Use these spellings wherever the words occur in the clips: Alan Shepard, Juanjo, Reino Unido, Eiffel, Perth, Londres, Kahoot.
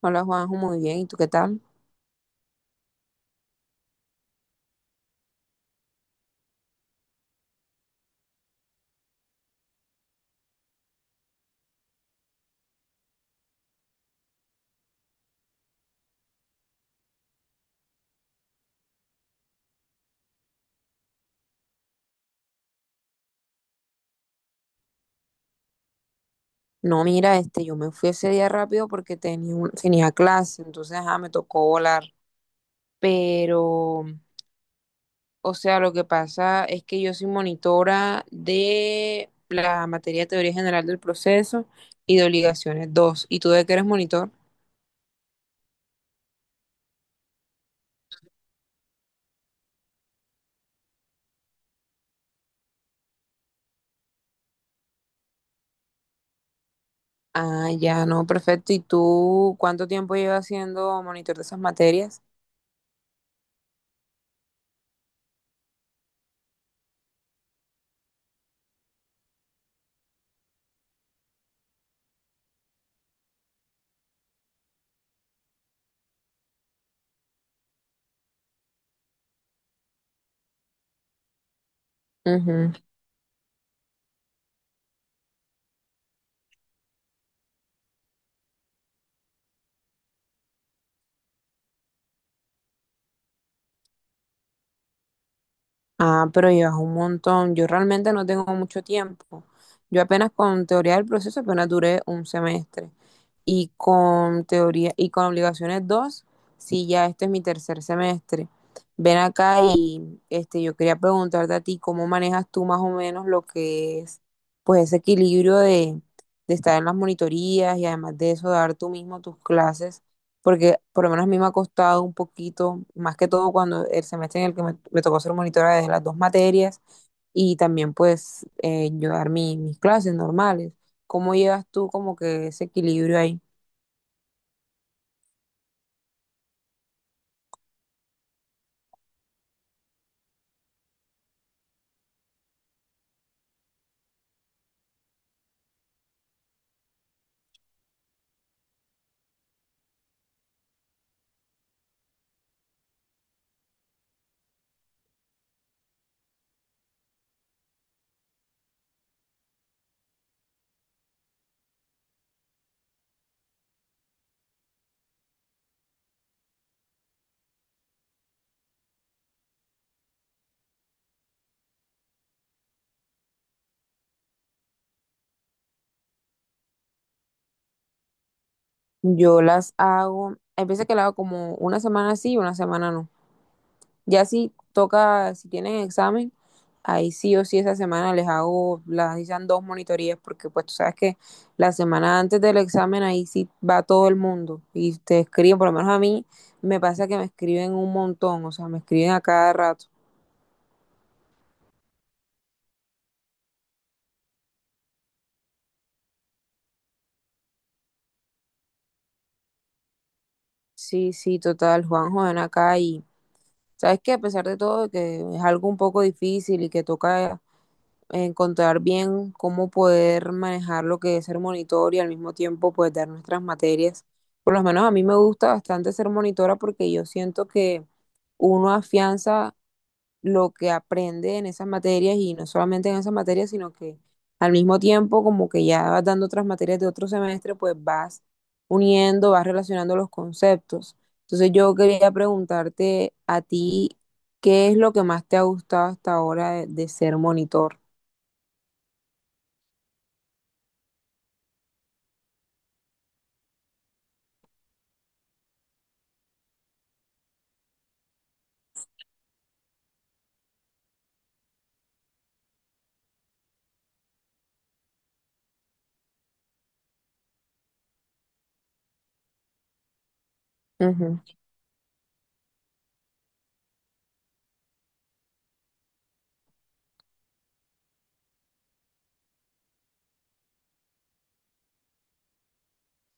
Hola Juanjo, muy bien. ¿Y tú qué tal? No, mira, yo me fui ese día rápido porque tenía, tenía clase, entonces ajá, me tocó volar. Pero, o sea, lo que pasa es que yo soy monitora de la materia de teoría general del proceso y de obligaciones 2. ¿Y tú de qué eres monitor? Ah, ya, no, perfecto. ¿Y tú cuánto tiempo llevas siendo monitor de esas materias? Ah, pero llevas un montón. Yo realmente no tengo mucho tiempo. Yo apenas con teoría del proceso apenas duré un semestre. Y con teoría y con obligaciones 2. Sí, ya este es mi tercer semestre. Ven acá y este, yo quería preguntarte a ti cómo manejas tú más o menos lo que es pues ese equilibrio de estar en las monitorías y además de eso dar tú mismo tus clases, porque por lo menos a mí me ha costado un poquito, más que todo cuando el semestre en el que me tocó ser monitora de las dos materias y también pues yo dar mis clases normales. ¿Cómo llevas tú como que ese equilibrio ahí? Yo las hago, hay veces que la hago como una semana sí y una semana no. Ya si toca, si tienen examen, ahí sí o sí esa semana les hago, las dicen dos monitorías, porque pues tú sabes que la semana antes del examen ahí sí va todo el mundo y te escriben, por lo menos a mí me pasa que me escriben un montón, o sea, me escriben a cada rato. Sí, sí, total, Juanjo, ven acá y sabes que a pesar de todo que es algo un poco difícil y que toca encontrar bien cómo poder manejar lo que es ser monitor y al mismo tiempo pues dar nuestras materias. Por lo menos a mí me gusta bastante ser monitora porque yo siento que uno afianza lo que aprende en esas materias, y no solamente en esas materias, sino que al mismo tiempo como que ya vas dando otras materias de otro semestre, pues vas uniendo, vas relacionando los conceptos. Entonces yo quería preguntarte a ti, ¿qué es lo que más te ha gustado hasta ahora de ser monitor?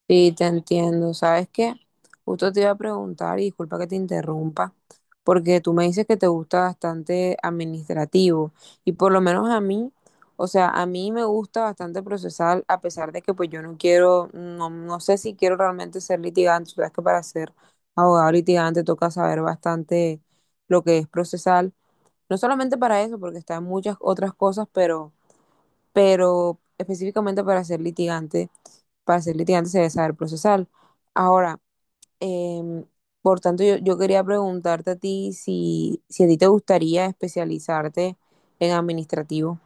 Sí, te entiendo. ¿Sabes qué? Justo te iba a preguntar, y disculpa que te interrumpa, porque tú me dices que te gusta bastante administrativo, y por lo menos a mí, o sea, a mí me gusta bastante procesal, a pesar de que pues yo no quiero, no, no sé si quiero realmente ser litigante. Tú sabes que para ser abogado litigante toca saber bastante lo que es procesal, no solamente para eso, porque está en muchas otras cosas, pero específicamente para ser litigante se debe saber procesal. Ahora, em, por tanto, yo quería preguntarte a ti si, si a ti te gustaría especializarte en administrativo.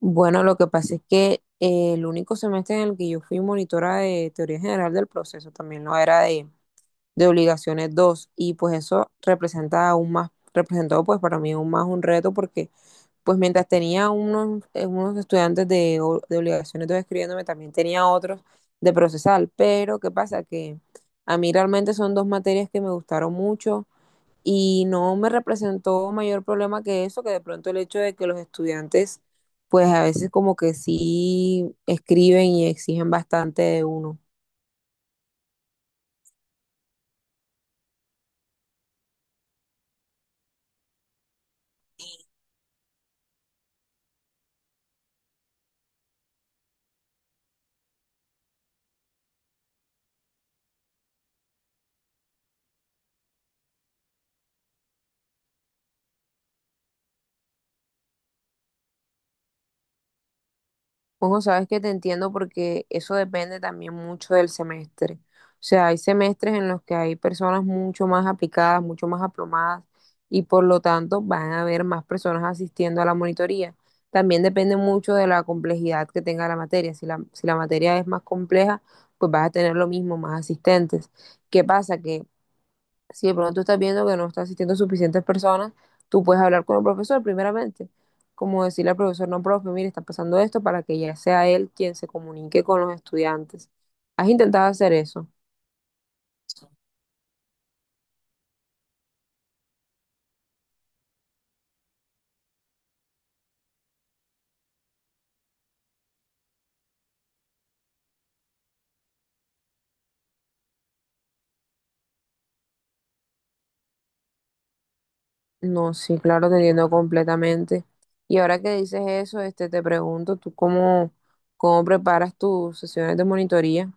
Bueno, lo que pasa es que el único semestre en el que yo fui monitora de teoría general del proceso también no era de obligaciones dos, y pues eso representa aún más, representó pues para mí aún más un reto, porque pues mientras tenía unos, unos estudiantes de, de obligaciones de escribiéndome, también tenía otros de procesal, pero ¿qué pasa? Que a mí realmente son dos materias que me gustaron mucho y no me representó mayor problema que eso, que de pronto el hecho de que los estudiantes, pues a veces como que sí escriben y exigen bastante de uno. Bueno, sabes que te entiendo porque eso depende también mucho del semestre. O sea, hay semestres en los que hay personas mucho más aplicadas, mucho más aplomadas, y por lo tanto van a haber más personas asistiendo a la monitoría. También depende mucho de la complejidad que tenga la materia. Si la materia es más compleja, pues vas a tener lo mismo, más asistentes. ¿Qué pasa? Que si de pronto estás viendo que no está asistiendo suficientes personas, tú puedes hablar con el profesor primeramente, como decirle al profesor, no, profe, mire, está pasando esto, para que ya sea él quien se comunique con los estudiantes. ¿Has intentado hacer eso? No, sí, claro, te entiendo completamente. Y ahora que dices eso, este, te pregunto, ¿tú cómo, cómo preparas tus sesiones de monitoría?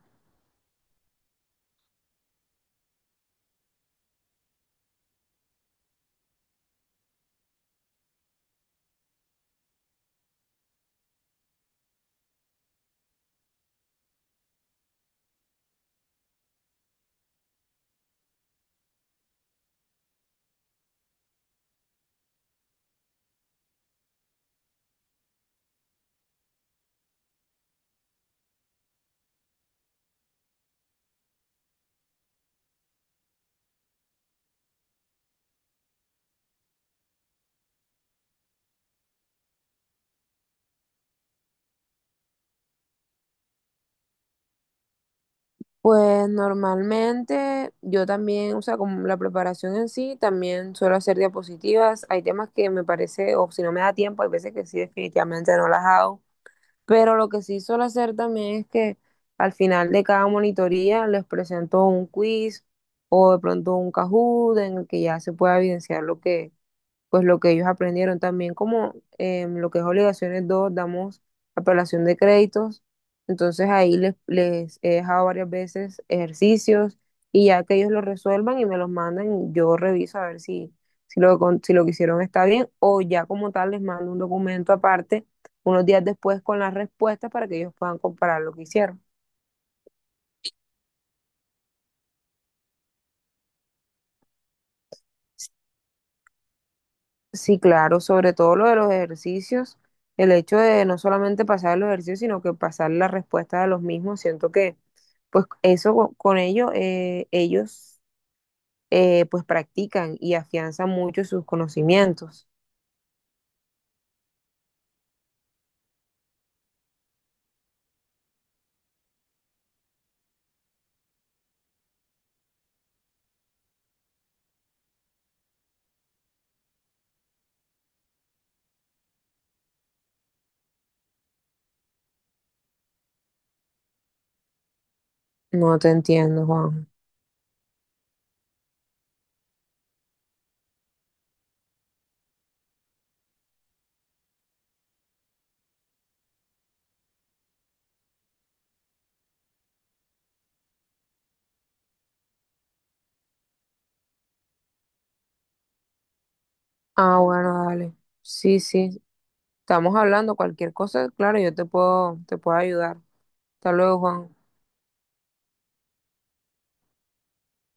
Pues normalmente yo también, o sea, como la preparación en sí, también suelo hacer diapositivas. Hay temas que me parece, o si no me da tiempo, hay veces que sí, definitivamente no las hago. Pero lo que sí suelo hacer también es que al final de cada monitoría les presento un quiz o de pronto un Kahoot en el que ya se pueda evidenciar lo que, pues lo que ellos aprendieron. También como lo que es obligaciones 2 damos apelación de créditos, entonces ahí les, les he dejado varias veces ejercicios, y ya que ellos lo resuelvan y me los mandan, yo reviso a ver si, si lo, si lo que hicieron está bien, o ya como tal les mando un documento aparte unos días después con las respuestas para que ellos puedan comparar lo que hicieron. Sí, claro, sobre todo lo de los ejercicios, el hecho de no solamente pasar los ejercicios, sino que pasar la respuesta de los mismos, siento que pues eso con ello ellos pues practican y afianzan mucho sus conocimientos. No te entiendo, Juan. Ah, bueno, dale. Sí, sí, estamos hablando cualquier cosa, claro, yo te puedo ayudar. Hasta luego, Juan.